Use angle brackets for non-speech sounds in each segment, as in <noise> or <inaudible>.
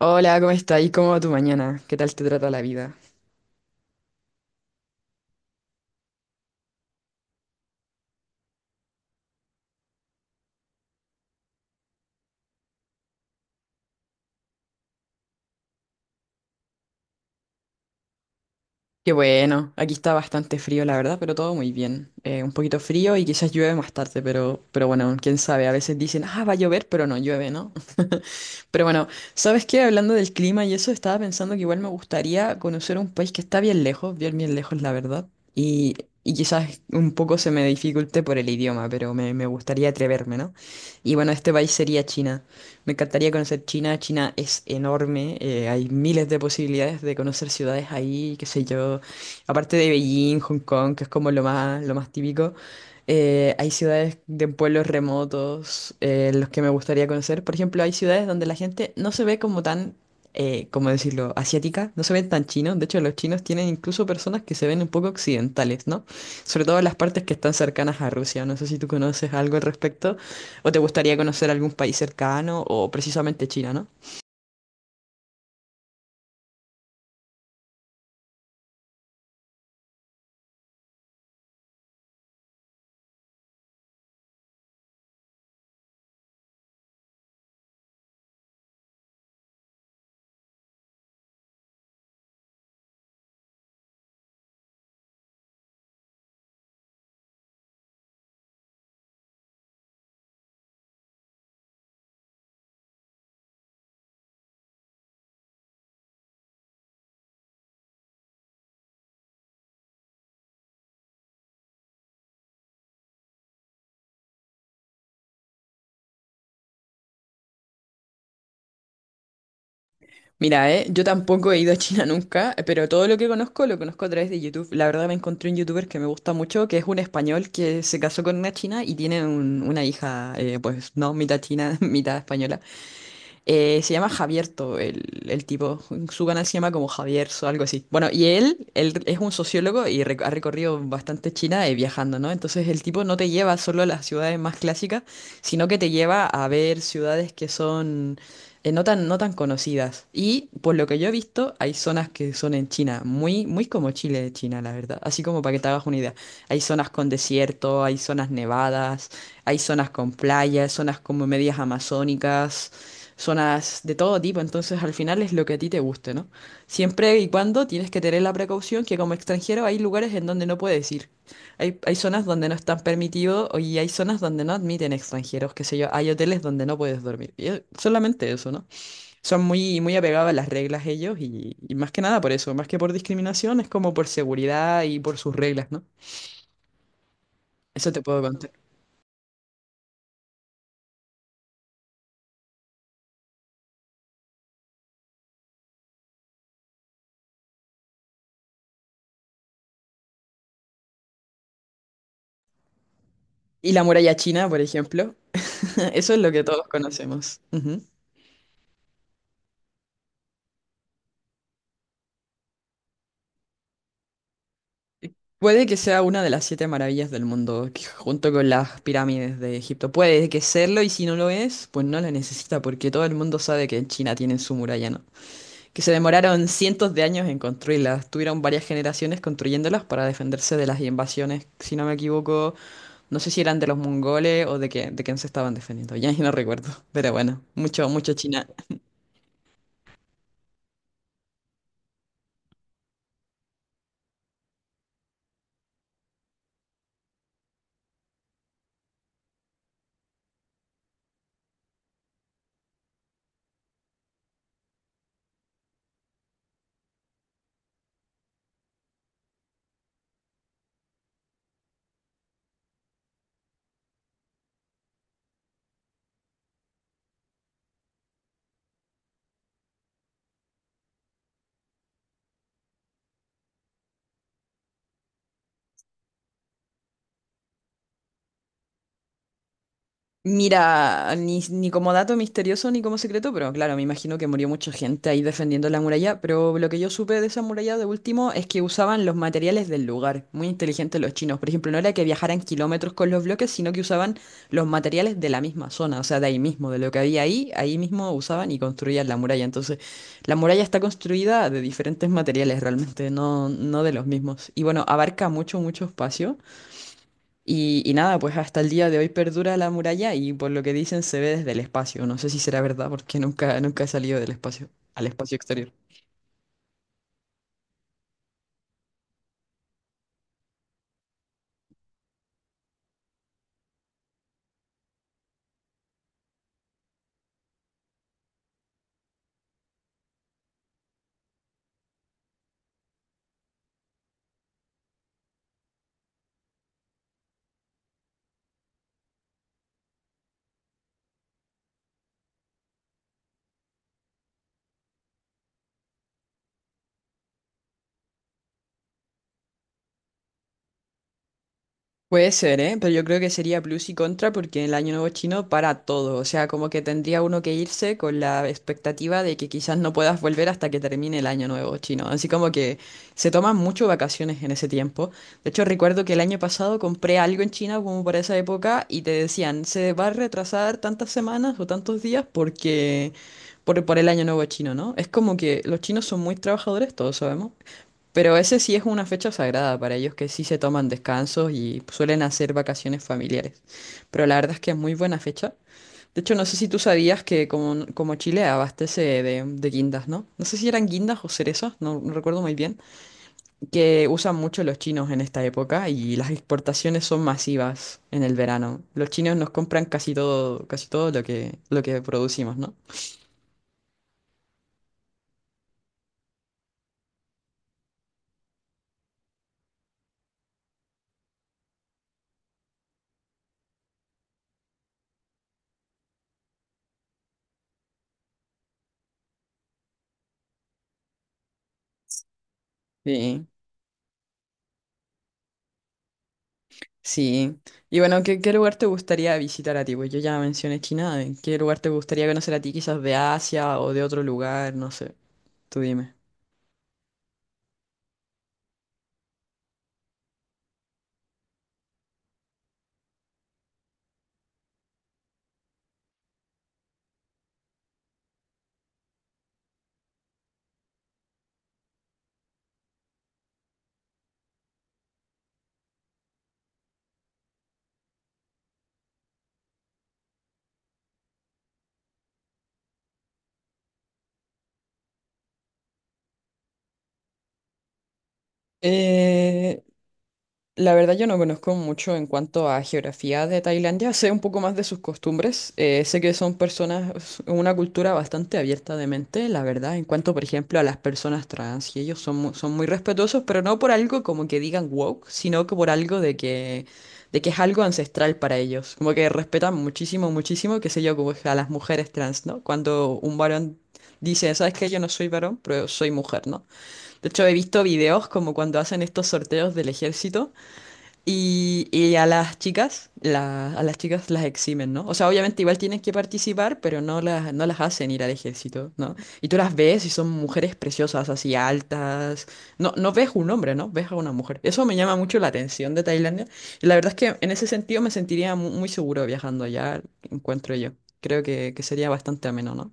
Hola, ¿cómo estás? ¿Y cómo va tu mañana? ¿Qué tal te trata la vida? Qué bueno, aquí está bastante frío, la verdad, pero todo muy bien. Un poquito frío y quizás llueve más tarde, pero bueno, quién sabe, a veces dicen, ah, va a llover, pero no llueve, ¿no? Pero bueno, ¿sabes qué? Hablando del clima y eso, estaba pensando que igual me gustaría conocer un país que está bien lejos, bien lejos, la verdad. Y, y quizás un poco se me dificulte por el idioma, pero me gustaría atreverme, ¿no? Y bueno, este país sería China. Me encantaría conocer China. China es enorme, hay miles de posibilidades de conocer ciudades ahí, qué sé yo. Aparte de Beijing, Hong Kong, que es como lo más típico. Hay ciudades de pueblos remotos los que me gustaría conocer. Por ejemplo, hay ciudades donde la gente no se ve como tan, ¿cómo decirlo?, asiática, no se ven tan chinos. De hecho, los chinos tienen incluso personas que se ven un poco occidentales, ¿no? Sobre todo en las partes que están cercanas a Rusia. No sé si tú conoces algo al respecto o te gustaría conocer algún país cercano o precisamente China, ¿no? Mira, yo tampoco he ido a China nunca, pero todo lo que conozco lo conozco a través de YouTube. La verdad me encontré un youtuber que me gusta mucho, que es un español que se casó con una china y tiene una hija, pues no, mitad china, <laughs> mitad española. Se llama Javierto, el tipo. Su canal se llama como Javierzo, algo así. Bueno, y él es un sociólogo y ha recorrido bastante China viajando, ¿no? Entonces el tipo no te lleva solo a las ciudades más clásicas, sino que te lleva a ver ciudades que son no tan, no tan conocidas. Y por lo que yo he visto, hay zonas que son en China, muy, muy como Chile de China, la verdad. Así como para que te hagas una idea. Hay zonas con desierto, hay zonas nevadas, hay zonas con playas, zonas como medias amazónicas, zonas de todo tipo. Entonces, al final es lo que a ti te guste, ¿no? Siempre y cuando tienes que tener la precaución que como extranjero hay lugares en donde no puedes ir. Hay zonas donde no están permitidos y hay zonas donde no admiten extranjeros, qué sé yo, hay hoteles donde no puedes dormir. Y es solamente eso, ¿no? Son muy, muy apegados a las reglas ellos y más que nada por eso, más que por discriminación, es como por seguridad y por sus reglas, ¿no? Eso te puedo contar. Y la muralla china, por ejemplo, <laughs> eso es lo que todos conocemos. Ujú. Puede que sea una de las siete maravillas del mundo, que junto con las pirámides de Egipto. Puede que serlo y si no lo es, pues no la necesita porque todo el mundo sabe que en China tienen su muralla, ¿no? Que se demoraron cientos de años en construirlas, tuvieron varias generaciones construyéndolas para defenderse de las invasiones, si no me equivoco. No sé si eran de los mongoles o de, que, de quién se estaban defendiendo. Ya <laughs> ni no recuerdo. Pero bueno, mucho, mucho China. Mira, ni como dato misterioso ni como secreto, pero claro, me imagino que murió mucha gente ahí defendiendo la muralla, pero lo que yo supe de esa muralla de último es que usaban los materiales del lugar, muy inteligentes los chinos, por ejemplo, no era que viajaran kilómetros con los bloques, sino que usaban los materiales de la misma zona, o sea, de ahí mismo, de lo que había ahí, ahí mismo usaban y construían la muralla, entonces la muralla está construida de diferentes materiales realmente, no de los mismos, y bueno, abarca mucho, mucho espacio. Y nada, pues hasta el día de hoy perdura la muralla y por lo que dicen se ve desde el espacio. No sé si será verdad porque nunca, nunca he salido del espacio, al espacio exterior. Puede ser, ¿eh? Pero yo creo que sería plus y contra porque el Año Nuevo chino para todo. O sea, como que tendría uno que irse con la expectativa de que quizás no puedas volver hasta que termine el Año Nuevo chino. Así como que se toman mucho vacaciones en ese tiempo. De hecho, recuerdo que el año pasado compré algo en China como para esa época y te decían, se va a retrasar tantas semanas o tantos días porque por el Año Nuevo chino, ¿no? Es como que los chinos son muy trabajadores, todos sabemos. Pero ese sí es una fecha sagrada para ellos que sí se toman descansos y suelen hacer vacaciones familiares. Pero la verdad es que es muy buena fecha. De hecho, no sé si tú sabías que como Chile abastece de guindas, ¿no? No sé si eran guindas o cerezas, no recuerdo muy bien, que usan mucho los chinos en esta época y las exportaciones son masivas en el verano. Los chinos nos compran casi todo lo que producimos, ¿no? Sí. Sí. Y bueno, ¿qué lugar te gustaría visitar a ti? Pues yo ya mencioné China. ¿En qué lugar te gustaría conocer a ti? Quizás de Asia o de otro lugar, no sé. Tú dime. Eh, La verdad yo no conozco mucho en cuanto a geografía de Tailandia, <laughs> sé un poco más de sus costumbres, sé que son personas, una cultura bastante abierta de mente, la verdad, en cuanto por ejemplo a las personas trans, y ellos son, son muy respetuosos, pero no por algo como que digan woke, sino que por algo de que es algo ancestral para ellos, como que respetan muchísimo, muchísimo, qué sé yo, como a las mujeres trans, ¿no? Cuando un varón dice, ¿sabes qué? Yo no soy varón, pero soy mujer, ¿no? De hecho he visto videos como cuando hacen estos sorteos del ejército. Y a las chicas, a las chicas las eximen, ¿no? O sea, obviamente igual tienen que participar, pero no las hacen ir al ejército, ¿no? Y tú las ves y son mujeres preciosas, así altas. No ves un hombre, ¿no? Ves a una mujer. Eso me llama mucho la atención de Tailandia. Y la verdad es que en ese sentido me sentiría muy, seguro viajando allá, encuentro yo. Creo que sería bastante ameno, ¿no?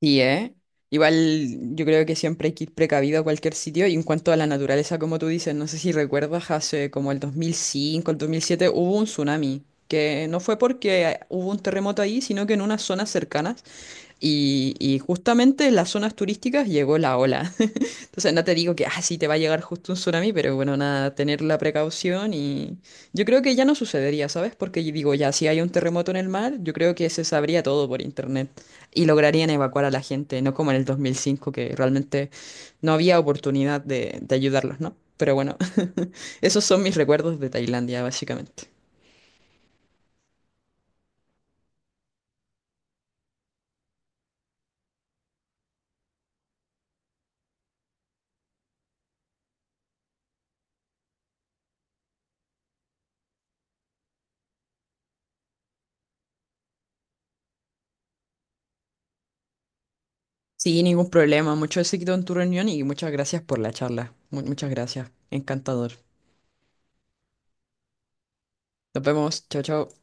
Sí, ¿eh? Igual yo creo que siempre hay que ir precavido a cualquier sitio y en cuanto a la naturaleza, como tú dices, no sé si recuerdas, hace como el 2005, el 2007, hubo un tsunami, que no fue porque hubo un terremoto ahí, sino que en unas zonas cercanas y justamente en las zonas turísticas llegó la ola. <laughs> Entonces no te digo que, ah, sí, te va a llegar justo un tsunami, pero bueno, nada, tener la precaución y yo creo que ya no sucedería, ¿sabes? Porque yo digo, ya, si hay un terremoto en el mar, yo creo que se sabría todo por internet y lograrían evacuar a la gente, no como en el 2005, que realmente no había oportunidad de ayudarlos, ¿no? Pero bueno, <laughs> esos son mis recuerdos de Tailandia, básicamente. Sí, ningún problema, mucho éxito en tu reunión y muchas gracias por la charla. Muchas gracias, encantador. Nos vemos, chao, chao.